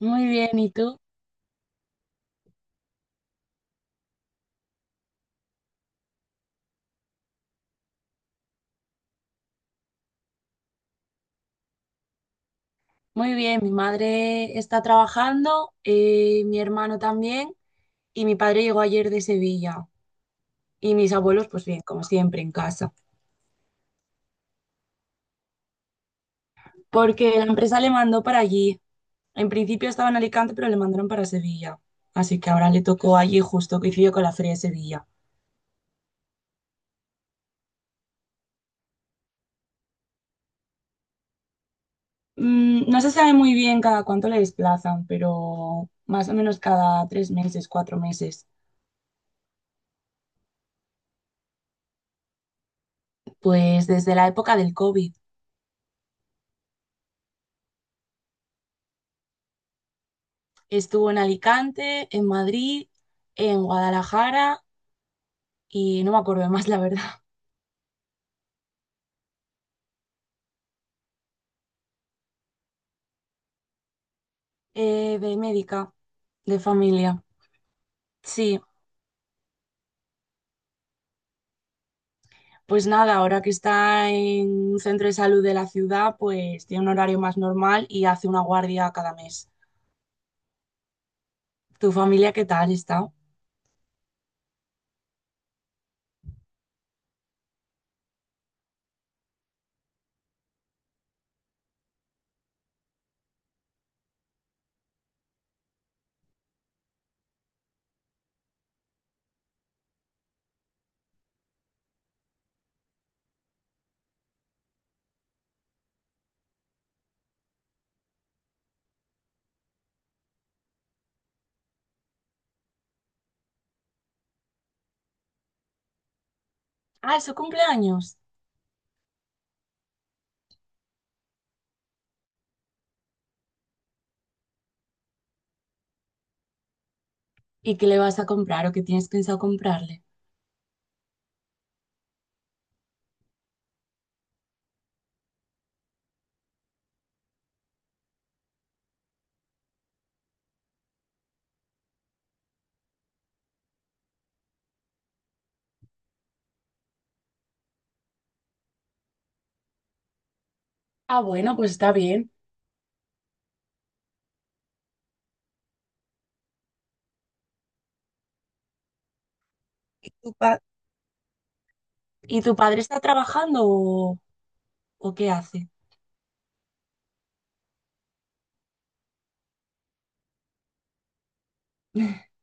Muy bien, ¿y tú? Muy bien, mi madre está trabajando, mi hermano también, y mi padre llegó ayer de Sevilla. Y mis abuelos, pues bien, como siempre, en casa. Porque la empresa le mandó para allí. En principio estaba en Alicante, pero le mandaron para Sevilla. Así que ahora le tocó allí justo, coincidió con la Feria de Sevilla. No se sabe muy bien cada cuánto le desplazan, pero más o menos cada 3 meses, 4 meses. Pues desde la época del COVID. Estuvo en Alicante, en Madrid, en Guadalajara y no me acuerdo de más, la verdad. De médica, de familia. Sí, pues nada, ahora que está en un centro de salud de la ciudad, pues tiene un horario más normal y hace una guardia cada mes. ¿Tu familia qué tal está? Ah, es su cumpleaños. ¿Y qué le vas a comprar o qué tienes pensado comprarle? Ah, bueno, pues está bien. ¿Y tu pa- ¿Y tu padre está trabajando o qué hace?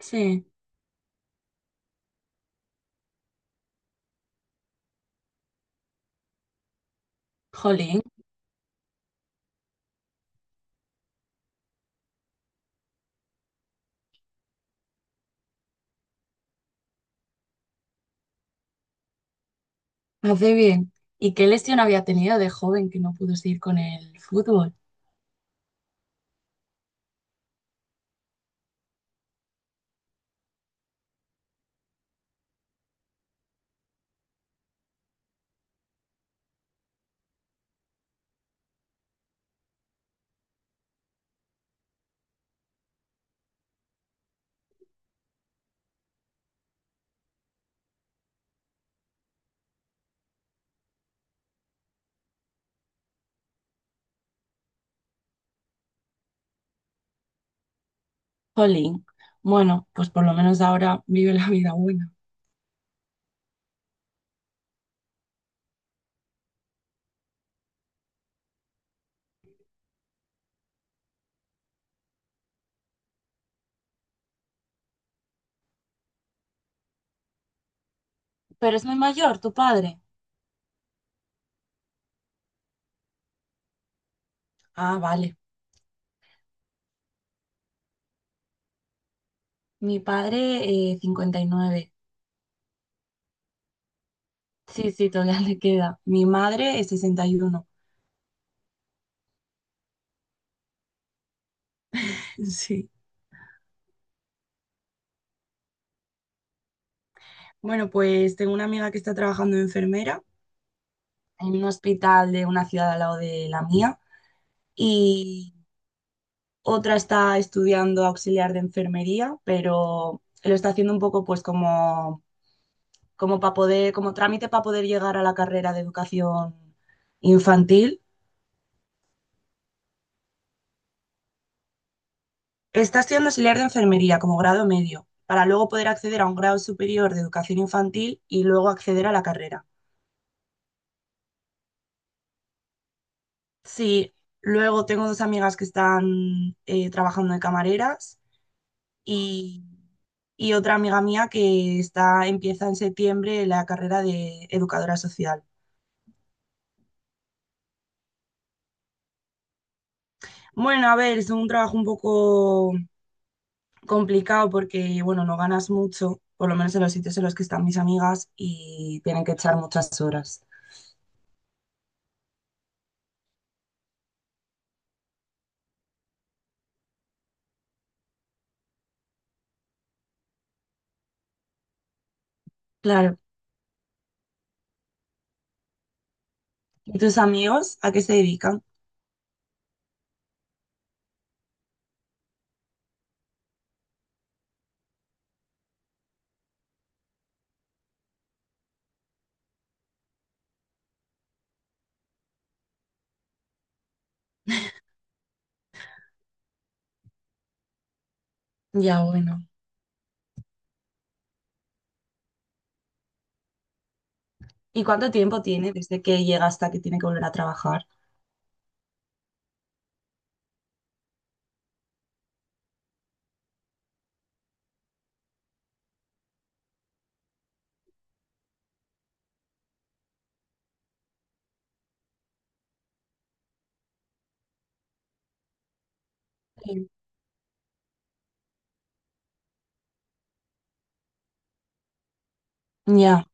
Sí, jolín. Hace bien. ¿Y qué lesión había tenido de joven que no pudo seguir con el fútbol? Jolín. Bueno, pues por lo menos ahora vive la vida buena. Pero es muy mayor, tu padre. Ah, vale. Mi padre, 59. Sí, sí, todavía le queda. Mi madre es 61. Sí. Bueno, pues tengo una amiga que está trabajando de enfermera en un hospital de una ciudad al lado de la mía y otra está estudiando auxiliar de enfermería, pero lo está haciendo un poco pues como para poder, como trámite para poder llegar a la carrera de educación infantil. Está estudiando auxiliar de enfermería como grado medio, para luego poder acceder a un grado superior de educación infantil y luego acceder a la carrera. Sí, luego tengo dos amigas que están trabajando de camareras y, y otra amiga mía que está, empieza en septiembre la carrera de educadora social. Bueno, a ver, es un trabajo un poco complicado porque, bueno, no ganas mucho, por lo menos en los sitios en los que están mis amigas y tienen que echar muchas horas. Claro. ¿Y tus amigos a qué se dedican? Ya, bueno. ¿Y cuánto tiempo tiene desde que llega hasta que tiene que volver a trabajar? Sí. Ya.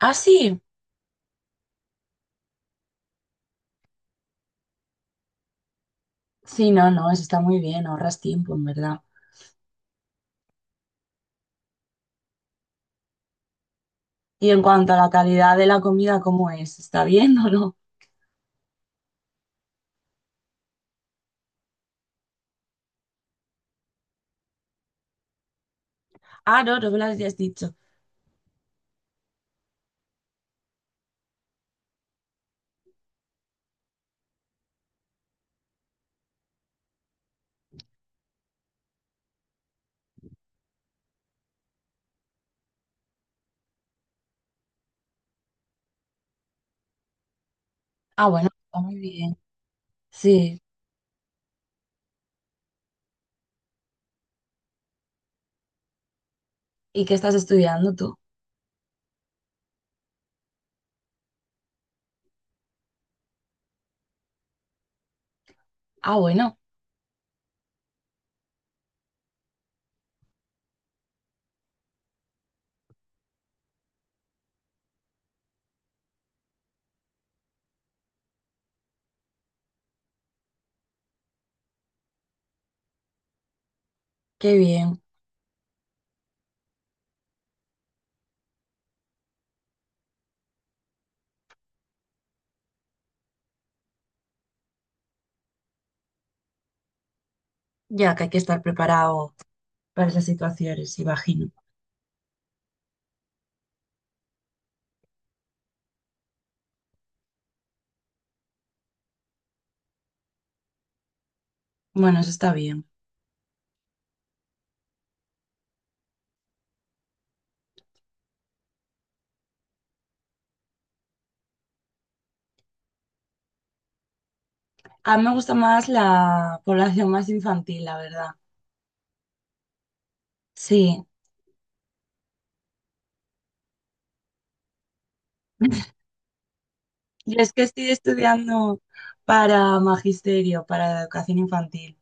Ah, sí. Sí, no, no, eso está muy bien, ahorras tiempo, en verdad. Y en cuanto a la calidad de la comida, ¿cómo es? ¿Está bien o no? Ah, no, no me lo habías dicho. Ah, bueno, está muy bien. Sí. ¿Y qué estás estudiando tú? Ah, bueno, qué bien. Ya que hay que estar preparado para esas situaciones, imagino. Bueno, eso está bien. A mí me gusta más la población más infantil, la verdad. Sí. Yo es que estoy estudiando para magisterio, para la educación infantil.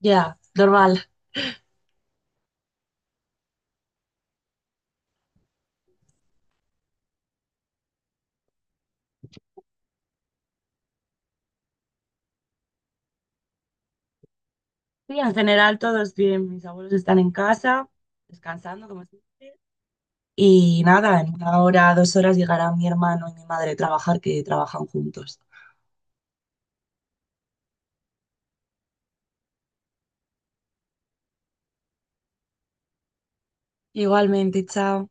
Ya, normal. Sí, en general todos bien. Mis abuelos están en casa, descansando, como siempre. Y nada, en una hora, 2 horas llegará mi hermano y mi madre a trabajar, que trabajan juntos. Igualmente, chao.